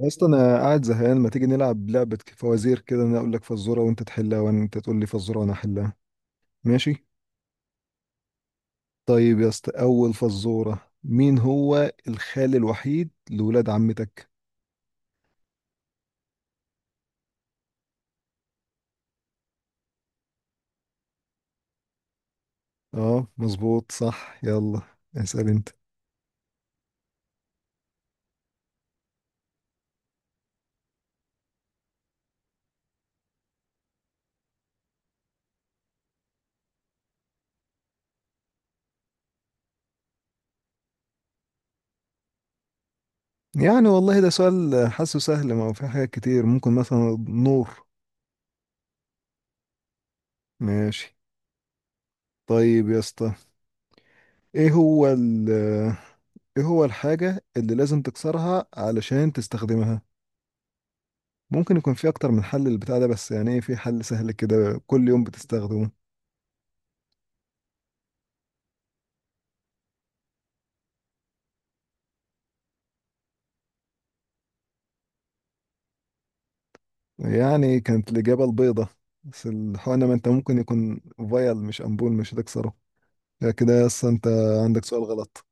اصلا انا قاعد زهقان، ما تيجي نلعب لعبة فوازير كده. انا اقول لك فزورة وانت تحلها وانت تقول لي فزورة وانا احلها. ماشي. طيب يا اسطى، اول فزورة: مين هو الخال الوحيد لولاد عمتك؟ اه مظبوط صح. يلا اسأل انت. يعني والله ده سؤال حاسه سهل، ما هو في حاجات كتير ممكن، مثلا نور. ماشي. طيب يا اسطى، ايه هو ال... ايه هو الحاجة اللي لازم تكسرها علشان تستخدمها؟ ممكن يكون في اكتر من حل للبتاع ده، بس يعني ايه في حل سهل كده كل يوم بتستخدمه. يعني كانت الاجابه البيضه، بس الحقنه ما انت ممكن يكون فايل مش امبول، مش هتكسره. لا كده اصلا انت عندك سؤال غلط.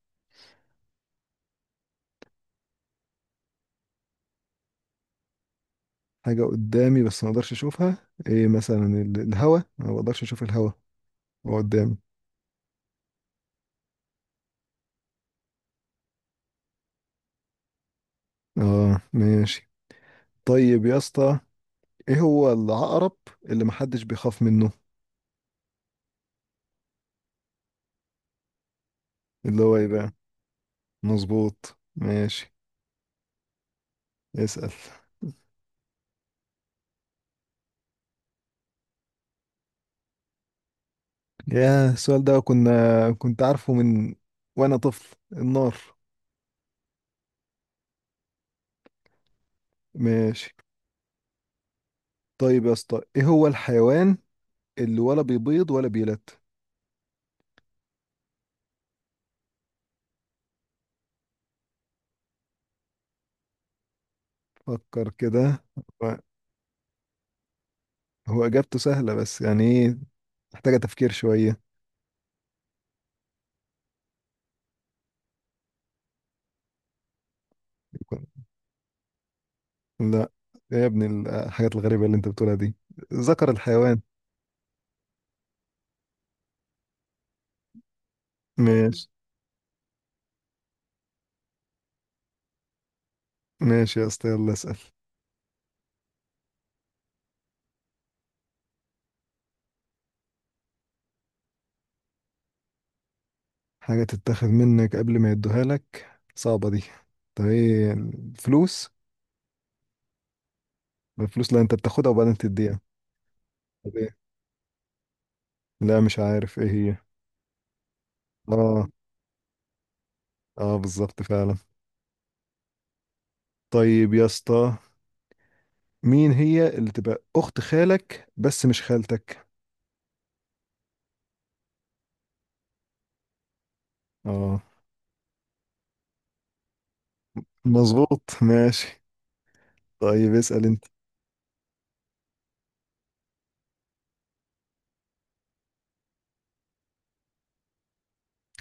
حاجه قدامي بس ما اقدرش اشوفها؟ ايه مثلا، الهوا، أنا ما اقدرش اشوف الهوا، هو قدامي. اه ماشي. طيب يا اسطى، ايه هو العقرب اللي محدش بيخاف منه؟ اللي هو ايه بقى؟ مظبوط ماشي. اسأل. يا السؤال ده كنت عارفه من وانا طفل: النار. ماشي. طيب يا اسطى، ايه هو الحيوان اللي ولا بيبيض ولا بيلد؟ فكر كده. هو هو اجابته سهلة بس يعني ايه، محتاجة تفكير شوية. يكون- لا يا ابني، الحاجات الغريبة اللي انت بتقولها دي، ذكر الحيوان. ماشي. ماشي يا اسطى، يلا اسأل. حاجة تتاخد منك قبل ما يدوها لك، صعبة دي. طب ايه، الفلوس؟ الفلوس لا، انت بتاخدها وبعدين تديها. لا مش عارف ايه هي. اه، اه بالظبط فعلا. طيب يا اسطى، مين هي اللي تبقى اخت خالك بس مش خالتك؟ اه مظبوط ماشي. طيب اسأل انت.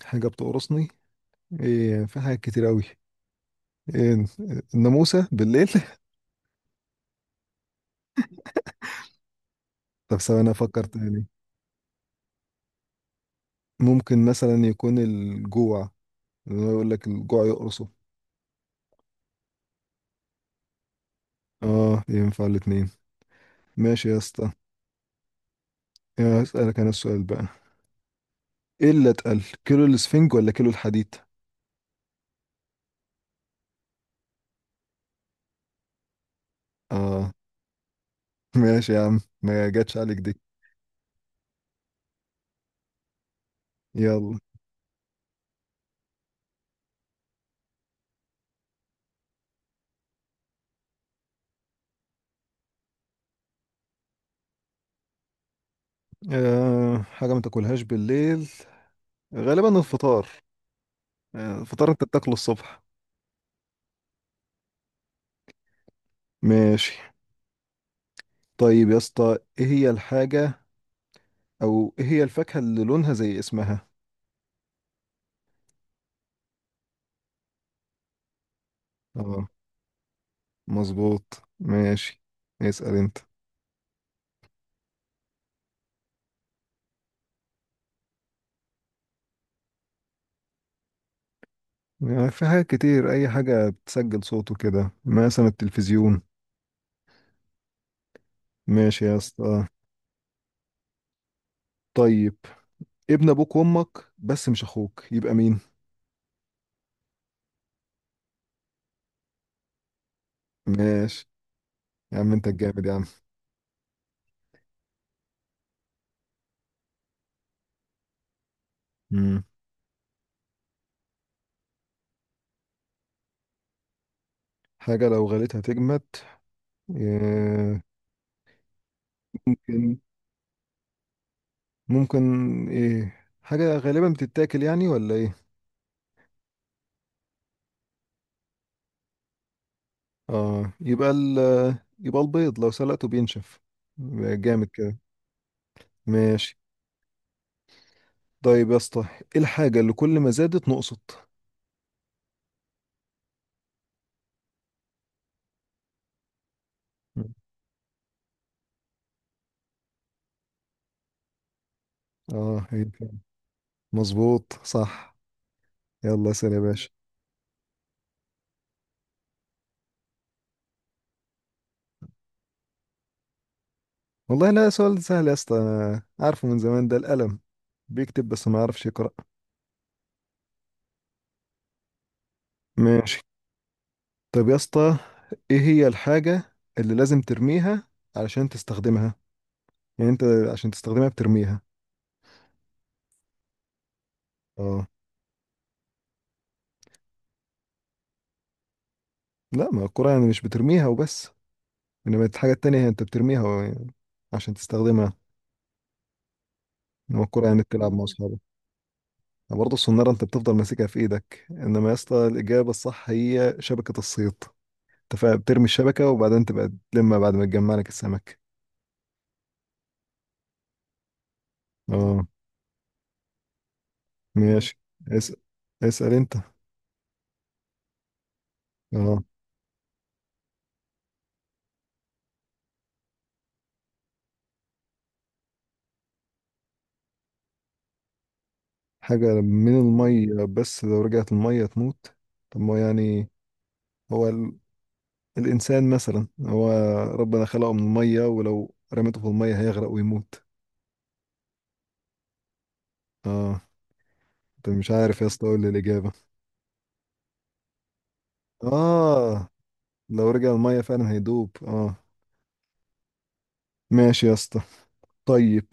حاجة بتقرصني؟ ايه في حاجات كتير قوي، ايه، الناموسة بالليل طب ثواني افكر تاني. ممكن مثلا يكون الجوع، اللي هو يقول لك الجوع يقرصه. اه، ينفع الاتنين. ماشي يا اسطى. يا اسألك انا السؤال بقى: ايه اللي اتقل، كيلو الاسفنج ولا كيلو الحديد؟ اه ماشي يا عم، ما جاتش عليك دي. يلا. أه حاجة ما تاكلهاش بالليل، غالبا الفطار، آه، الفطار انت بتاكله الصبح. ماشي. طيب يا اسطى، ايه هي الحاجة، او ايه هي الفاكهة اللي لونها زي اسمها؟ اه مظبوط ماشي. اسأل انت. يعني في حاجات كتير، اي حاجة بتسجل صوته كده، مثلا التلفزيون. ماشي يا اسطى. طيب، ابن ابوك وامك بس مش اخوك يبقى مين؟ ماشي، يا عم انت الجامد يا عم. مم. حاجة لو غليتها تجمد، ياه. ممكن، ممكن ايه، حاجة غالبا بتتاكل يعني ولا ايه؟ اه، يبقى ال... يبقى البيض لو سلقته بينشف، يبقى جامد كده. ماشي. طيب يا اسطى، ايه الحاجة اللي كل ما زادت نقصت؟ اه هي كده. مظبوط صح. يلا اسأل يا باشا. والله لا سؤال سهل يا اسطى، أنا عارفه من زمان، ده القلم، بيكتب بس ما يعرفش يقرأ. ماشي. طب يا اسطى، ايه هي الحاجة اللي لازم ترميها علشان تستخدمها؟ يعني انت عشان تستخدمها بترميها. اه لا، ما الكرة يعني مش بترميها وبس، انما الحاجة التانية هي انت بترميها و- عشان تستخدمها، انما الكرة يعني بتلعب مع اصحابك. برضه الصنارة انت بتفضل ماسكها في ايدك، انما يا اسطى الإجابة الصح هي شبكة الصيد، انت بترمي الشبكة وبعدين تبقى تلمها بعد ما تجمع لك السمك. اه ماشي. اسأل اسأل انت. اه حاجة من المية بس لو رجعت المية تموت. طب ما يعني هو الإنسان مثلا، هو ربنا خلقه من المية ولو رميته في المية هيغرق ويموت. اه انت مش عارف يا اسطى، اقول الإجابة؟ اه، لو رجع المية فعلا هيدوب، اه. ماشي يا اسطى. طيب،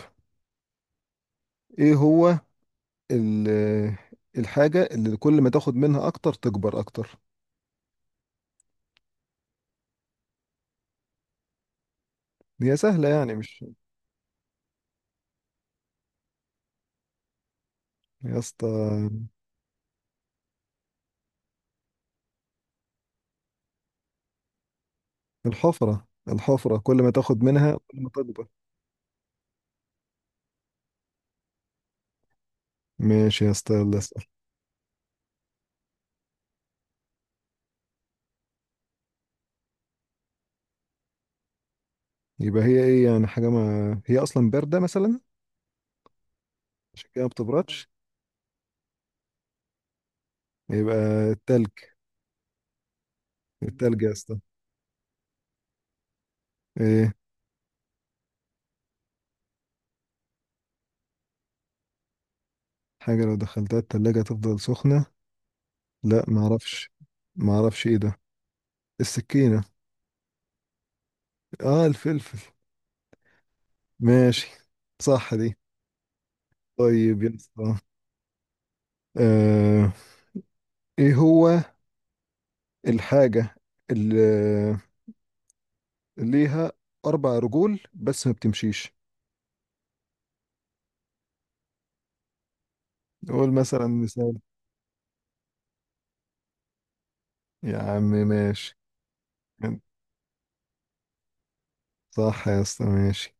ايه هو ال... الحاجة اللي كل ما تاخد منها اكتر تكبر اكتر؟ هي سهلة يعني مش، يا اسطى الحفرة، الحفرة كل ما تاخد منها كل ما تكبر. ماشي يا اسطى، يلا اسأل. يبقى هي ايه يعني، حاجة ما هي اصلا باردة مثلا، عشان كده ما بتبردش، يبقى التلج. التلج يا اسطى، ايه؟ حاجة لو دخلتها التلاجة تفضل سخنة؟ لا ما اعرفش، ما اعرفش ايه ده. السكينة؟ اه الفلفل. ماشي. صح دي. طيب يا اسطى، آه ايه هو الحاجة اللي اللي ليها اربع رجول بس ما بتمشيش؟ قول مثلا مثال. يا عم ماشي. صح يا اسطى ماشي.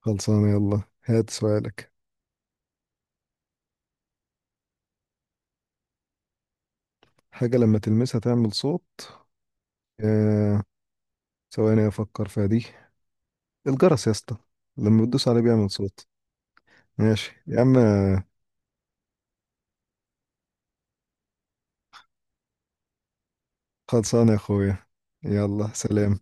خلصانة، يلا هات سؤالك. حاجة لما تلمسها تعمل صوت؟ آه، ثواني أفكر فيها دي، الجرس يا اسطى، لما بتدوس عليه بيعمل صوت. ماشي يا عم. خلصانة يا أخويا، يلا سلام.